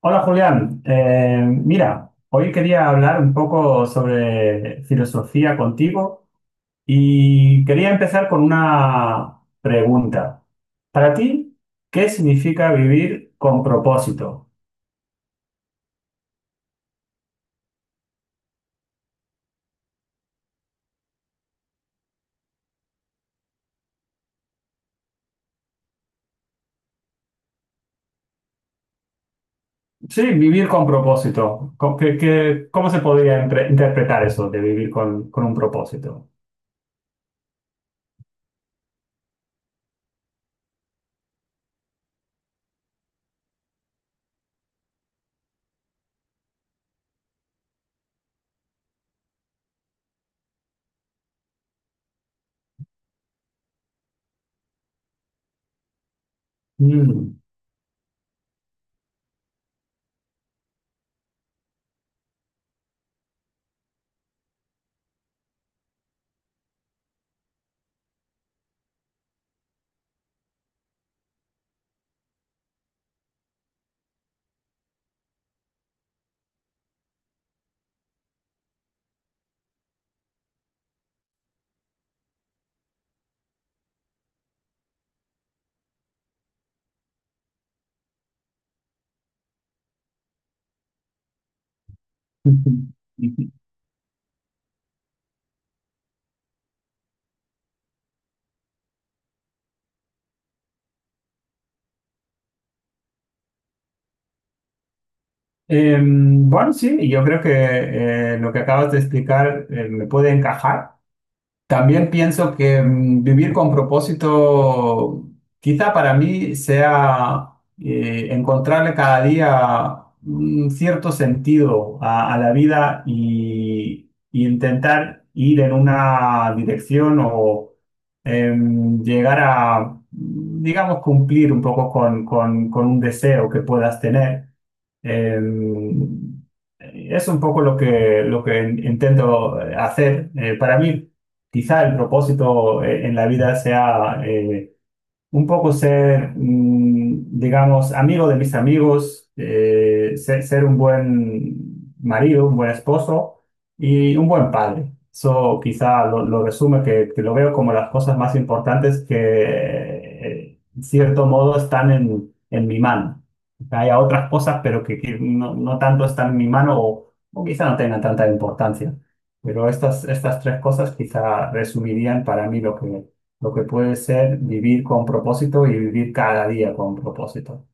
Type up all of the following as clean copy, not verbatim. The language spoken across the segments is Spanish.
Hola Julián, mira, hoy quería hablar un poco sobre filosofía contigo y quería empezar con una pregunta. Para ti, ¿qué significa vivir con propósito? Sí, vivir con propósito. Cómo se podría interpretar eso de vivir con un propósito? Mm. Bueno, sí, yo creo que lo que acabas de explicar me puede encajar. También pienso que vivir con propósito, quizá para mí sea encontrarle cada día un cierto sentido a la vida y intentar ir en una dirección o llegar a, digamos, cumplir un poco con un deseo que puedas tener. Em, es un poco lo que intento hacer. Para mí, quizá el propósito en la vida sea un poco ser, digamos, amigo de mis amigos, ser un buen marido, un buen esposo y un buen padre. Eso quizá lo resume, que lo veo como las cosas más importantes que, en cierto modo, están en mi mano. Hay otras cosas, pero que no, no tanto están en mi mano o quizá no tengan tanta importancia. Pero estas tres cosas quizá resumirían para mí lo que puede ser vivir con propósito y vivir cada día con propósito.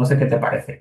No sé qué te parece.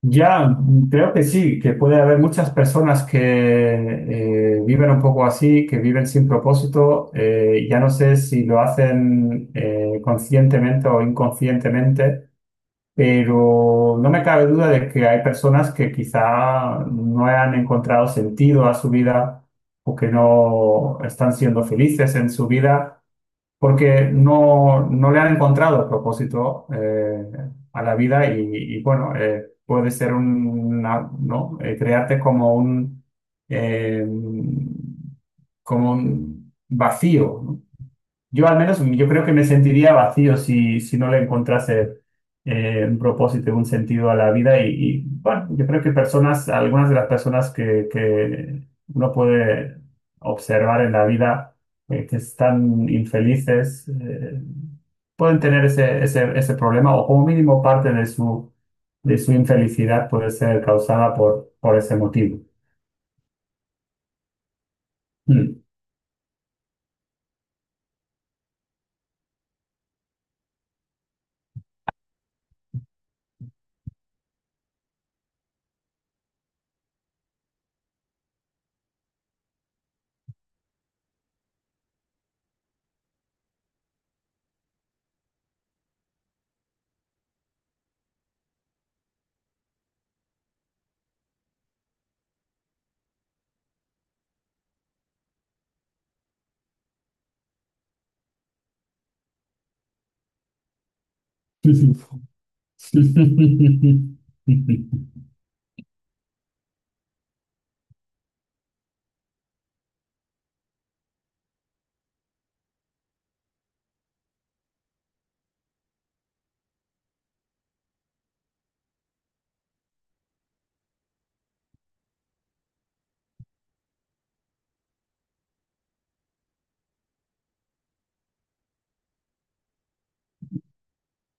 Ya, creo que sí, que puede haber muchas personas que viven un poco así, que viven sin propósito. Ya no sé si lo hacen conscientemente o inconscientemente, pero no me cabe duda de que hay personas que quizá no han encontrado sentido a su vida o que no están siendo felices en su vida porque no le han encontrado propósito a la vida y, bueno, puede ser un, una, ¿no? Crearte eh, como un vacío, ¿no? Yo al menos, yo creo que me sentiría vacío si no le encontrase un propósito, un sentido a la vida. Y, bueno, yo creo que personas, algunas de las personas que uno puede observar en la vida que están infelices, pueden tener ese problema o como mínimo parte de su infelicidad puede ser causada por ese motivo. Mm.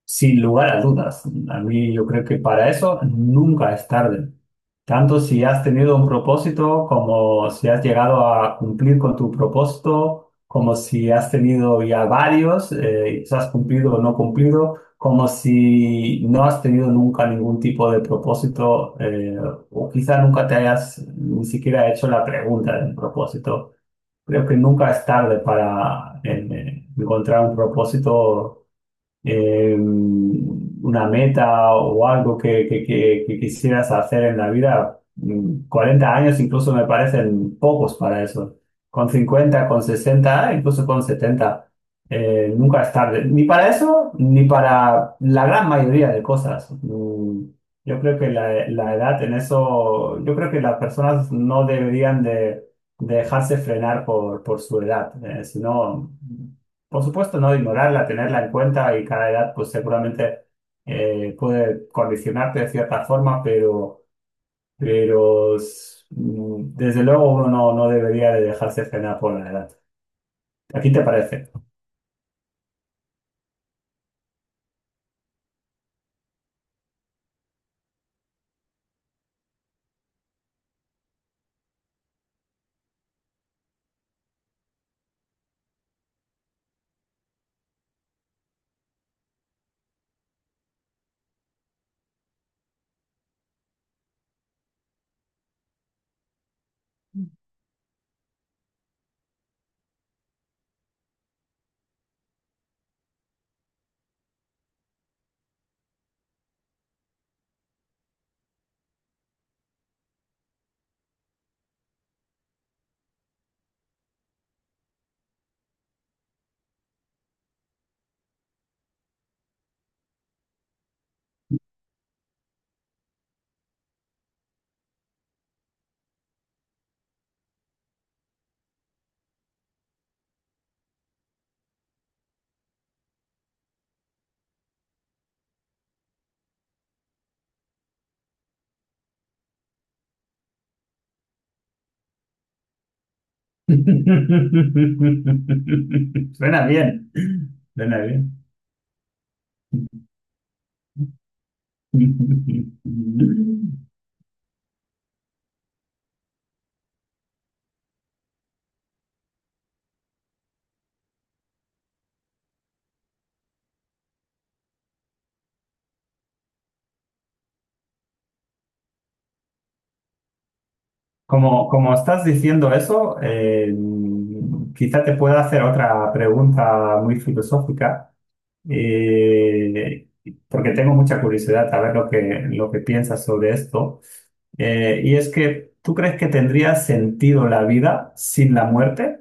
Sin lugar a dudas, a mí yo creo que para eso nunca es tarde. Tanto si has tenido un propósito, como si has llegado a cumplir con tu propósito, como si has tenido ya varios, y si has cumplido o no cumplido, como si no has tenido nunca ningún tipo de propósito, o quizá nunca te hayas ni siquiera hecho la pregunta del propósito. Creo que nunca es tarde para encontrar un propósito una meta o algo que quisieras hacer en la vida, 40 años incluso me parecen pocos para eso. Con 50 con 60 incluso con 70 nunca es tarde. Ni para eso, ni para la gran mayoría de cosas. Yo creo que la edad en eso, yo creo que las personas no deberían de dejarse frenar por su edad, sino por supuesto, no ignorarla, tenerla en cuenta y cada edad pues seguramente puede condicionarte de cierta forma, pero, desde luego uno no, no debería de dejarse frenar por la edad. ¿A ti te parece? Suena bien, suena bien. Como estás diciendo eso, quizá te pueda hacer otra pregunta muy filosófica, eh, porque tengo mucha curiosidad a ver lo que piensas sobre esto. Y es que, ¿tú crees que tendría sentido la vida sin la muerte?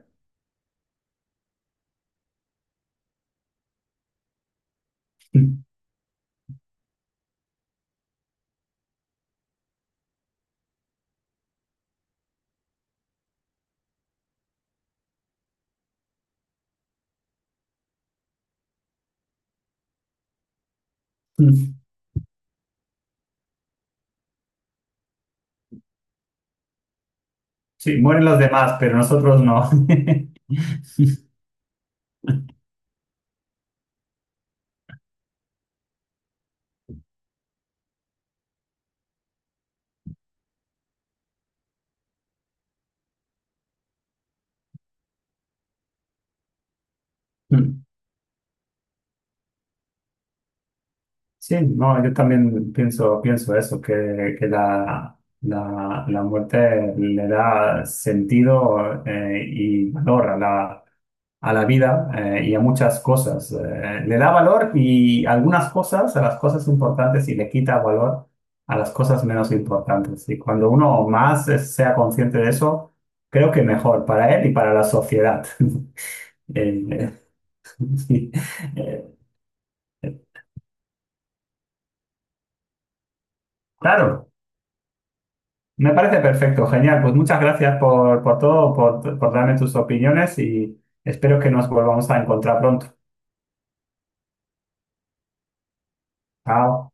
Sí, mueren los demás, pero nosotros no. Sí, no, yo también pienso, pienso eso, que la muerte le da sentido y valor a la vida y a muchas cosas. Le da valor y algunas cosas, a las cosas importantes, y le quita valor a las cosas menos importantes. Y cuando uno más sea consciente de eso, creo que mejor para él y para la sociedad. Eh, eh, sí. Eh, claro. Me parece perfecto, genial. Pues muchas gracias por todo, por darme tus opiniones y espero que nos volvamos a encontrar pronto. Chao.